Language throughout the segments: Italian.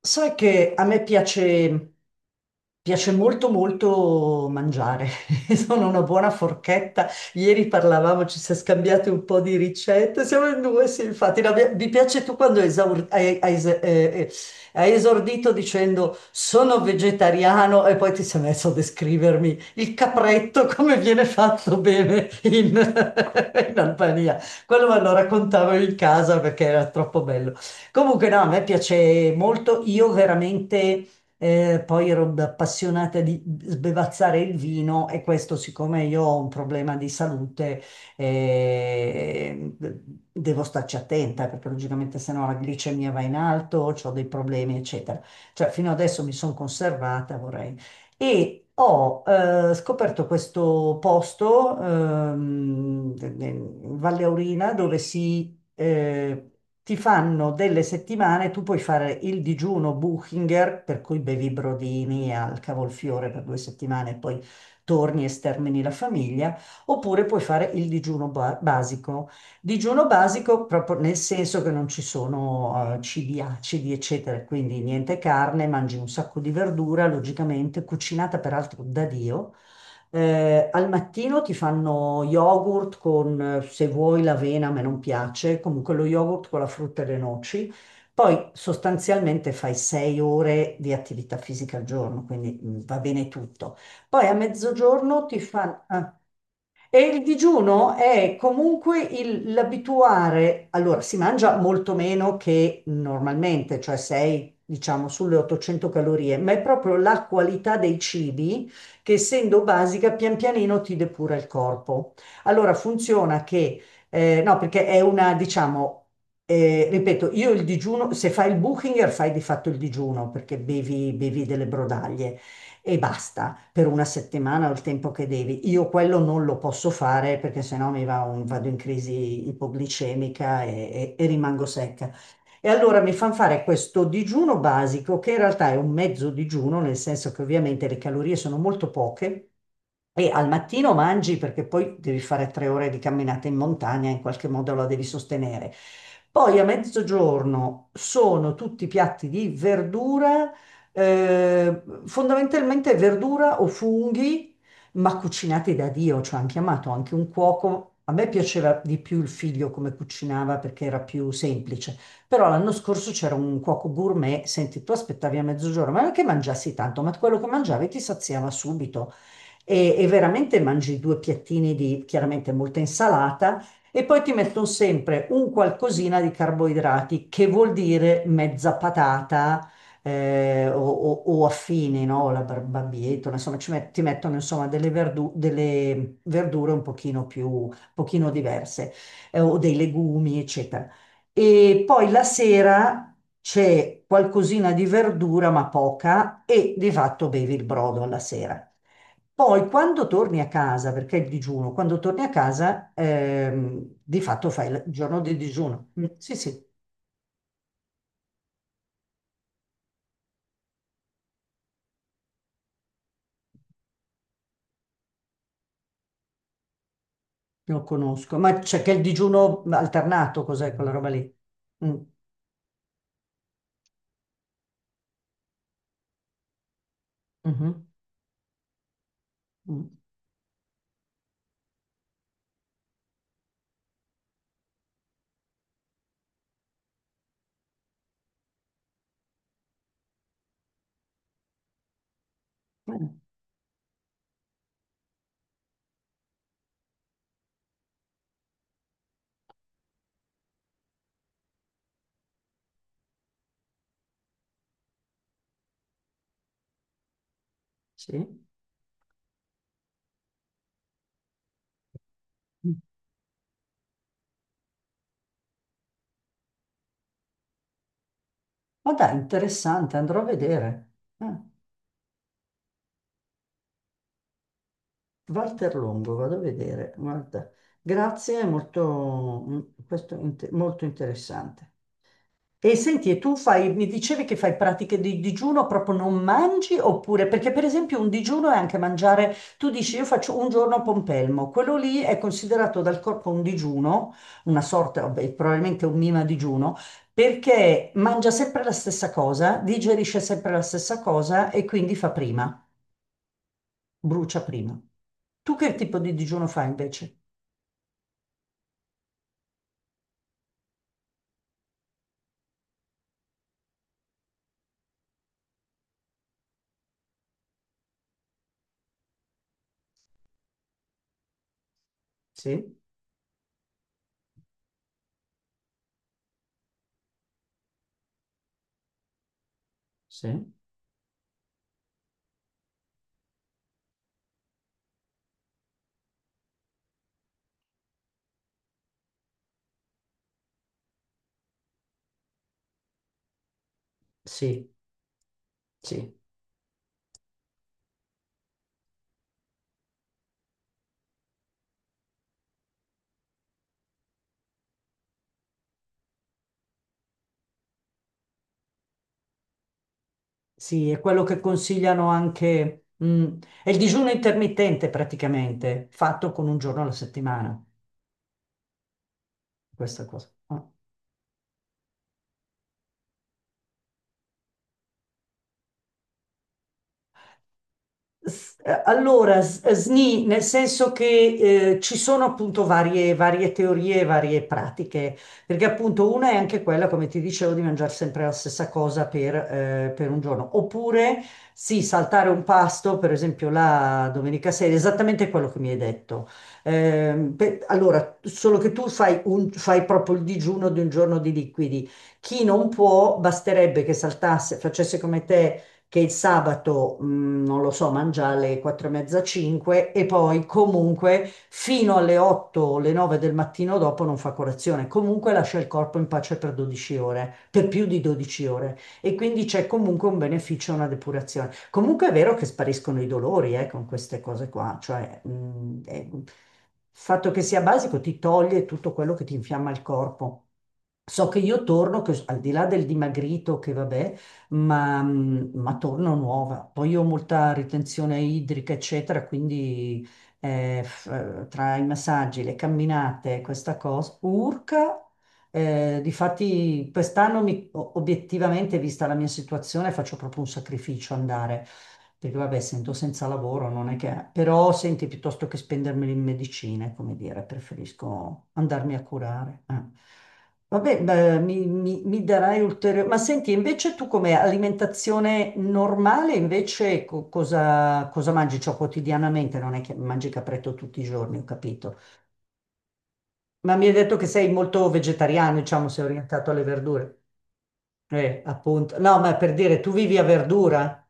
Sai che a me piace molto molto mangiare, sono una buona forchetta. Ieri parlavamo, ci siamo scambiati un po' di ricette, siamo in due, sì, infatti. No, mi piace, tu quando hai esordito dicendo sono vegetariano e poi ti sei messo a descrivermi il capretto, come viene fatto bene in Albania. Quello me lo raccontavo in casa perché era troppo bello. Comunque no, a me piace molto, io veramente poi ero appassionata di sbevazzare il vino e questo, siccome io ho un problema di salute eh, devo starci attenta perché, logicamente, se no la glicemia va in alto, ho dei problemi eccetera. Cioè, fino adesso mi sono conservata, vorrei, e ho scoperto questo posto in Valle Aurina, dove ti fanno delle settimane. Tu puoi fare il digiuno Buchinger, per cui bevi brodini al cavolfiore per 2 settimane e poi torni e stermini la famiglia, oppure puoi fare il digiuno basico. Digiuno basico proprio nel senso che non ci sono cibi acidi, eccetera, quindi niente carne, mangi un sacco di verdura, logicamente cucinata peraltro da Dio. Al mattino ti fanno yogurt con, se vuoi, l'avena, a me non piace, comunque lo yogurt con la frutta e le noci. Poi sostanzialmente fai 6 ore di attività fisica al giorno, quindi va bene tutto. Poi a mezzogiorno ti fanno... E il digiuno è comunque l'abituare. Allora si mangia molto meno che normalmente, cioè sei, diciamo, sulle 800 calorie, ma è proprio la qualità dei cibi, che essendo basica, pian pianino ti depura il corpo. Allora funziona che, no, perché è una, diciamo, ripeto, io il digiuno, se fai il Buchinger fai di fatto il digiuno, perché bevi delle brodaglie e basta per una settimana o il tempo che devi. Io quello non lo posso fare, perché sennò mi va vado in crisi ipoglicemica e rimango secca. E allora mi fanno fare questo digiuno basico, che in realtà è un mezzo digiuno, nel senso che ovviamente le calorie sono molto poche e al mattino mangi, perché poi devi fare 3 ore di camminata in montagna, in qualche modo la devi sostenere. Poi a mezzogiorno sono tutti piatti di verdura, fondamentalmente verdura o funghi, ma cucinati da Dio, cioè hanno chiamato anche un cuoco. A me piaceva di più il figlio come cucinava, perché era più semplice, però l'anno scorso c'era un cuoco gourmet. Senti, tu aspettavi a mezzogiorno, ma non è che mangiassi tanto, ma quello che mangiavi ti saziava subito e veramente mangi due piattini di, chiaramente, molta insalata, e poi ti mettono sempre un qualcosina di carboidrati, che vuol dire mezza patata o, o affini, no? La barbabietola, insomma, ti mettono, insomma, delle verdure un pochino più, un pochino diverse, o dei legumi, eccetera. E poi la sera c'è qualcosina di verdura, ma poca, e di fatto bevi il brodo alla sera. Poi quando torni a casa, perché il digiuno, quando torni a casa, di fatto fai il giorno di digiuno. Mm. Sì, sì, lo conosco, ma c'è, che il digiuno alternato, cos'è quella roba lì? Mm. Mhm. Mm. Eh, sì. Mm. Ma dai, interessante, andrò a vedere. Ah, Walter Longo, vado a vedere, guarda. Grazie, è molto, questo è molto interessante. E senti, e tu fai, mi dicevi che fai pratiche di digiuno, proprio non mangi oppure, perché per esempio un digiuno è anche mangiare, tu dici io faccio un giorno a pompelmo, quello lì è considerato dal corpo un digiuno, una sorta, vabbè, probabilmente un mima digiuno, perché mangia sempre la stessa cosa, digerisce sempre la stessa cosa e quindi fa prima, brucia prima. Tu che tipo di digiuno fai, invece? Sì, sì, sì, sì. Sì, è quello che consigliano anche, è il digiuno intermittente praticamente, fatto con un giorno alla settimana, questa cosa, no? Allora, SNI, nel senso che ci sono, appunto, varie, varie teorie, varie pratiche, perché appunto una è anche quella, come ti dicevo, di mangiare sempre la stessa cosa per un giorno. Oppure sì, saltare un pasto, per esempio la domenica sera, esattamente quello che mi hai detto. Allora, solo che tu fai, fai proprio il digiuno di un giorno di liquidi. Chi non può, basterebbe che saltasse, facesse come te, che il sabato, non lo so, mangia alle 4 e mezza, 5, e poi comunque fino alle 8 o alle 9 del mattino dopo non fa colazione, comunque lascia il corpo in pace per 12 ore, per più di 12 ore, e quindi c'è comunque un beneficio, una depurazione. Comunque è vero che spariscono i dolori con queste cose qua, cioè, il fatto che sia basico ti toglie tutto quello che ti infiamma il corpo. So che io torno, che al di là del dimagrito, che vabbè, ma torno nuova. Poi io ho molta ritenzione idrica, eccetera, quindi eh, f- tra i massaggi, le camminate, questa cosa, urca. Difatti quest'anno obiettivamente, vista la mia situazione, faccio proprio un sacrificio andare. Dico, vabbè, essendo senza lavoro non è che... Però senti, piuttosto che spendermeli in medicine, come dire, preferisco andarmi a curare. Vabbè, beh, mi darai ulteriore... Ma senti, invece, tu come alimentazione normale, invece cosa, mangi? Cioè, quotidianamente, non è che mangi capretto tutti i giorni, ho capito. Ma mi hai detto che sei molto vegetariano, diciamo, sei orientato alle verdure. Appunto. No, ma per dire, tu vivi a verdura?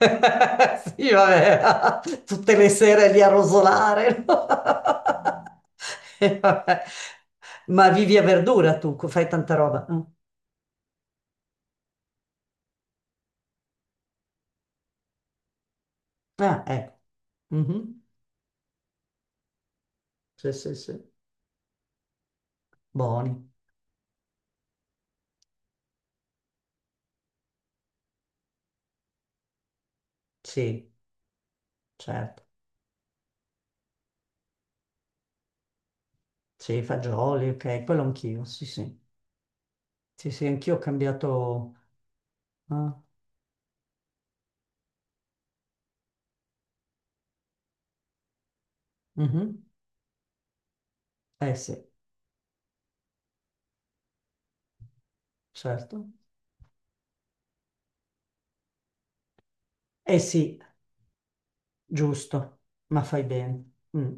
Sì, vabbè, tutte le sere lì a rosolare, no? E vabbè. Ma vivi a verdura tu, fai tanta roba, no? Ah, ecco. Mhm. Sì, sì, sì. Buoni. Sì, certo. Sì, fagioli, ok, quello anch'io. Sì, sì. Sì, sì, anch'io ho cambiato. Ah, mhm. Eh sì, certo. Eh sì, giusto, ma fai bene. Mm.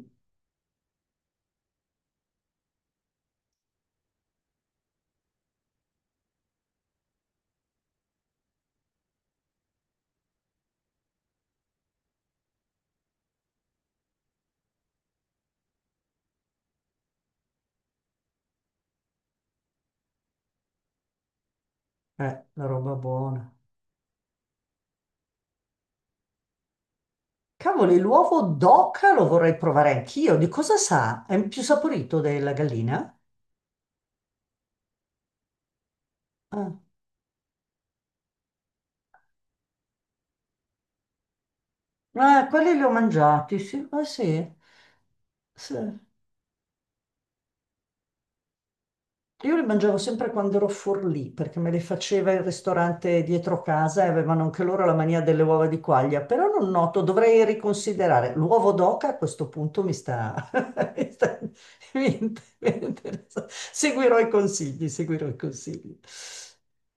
La roba buona. Cavoli, l'uovo d'oca lo vorrei provare anch'io. Di cosa sa? È più saporito della gallina? Ah, quelli li ho mangiati, sì. Ah, sì. Sì. Io li mangiavo sempre quando ero Forlì, perché me li faceva il ristorante dietro casa e avevano anche loro la mania delle uova di quaglia. Però non noto, dovrei riconsiderare. L'uovo d'oca, a questo punto, mi sta- mi interessa. Seguirò i consigli, seguirò i consigli.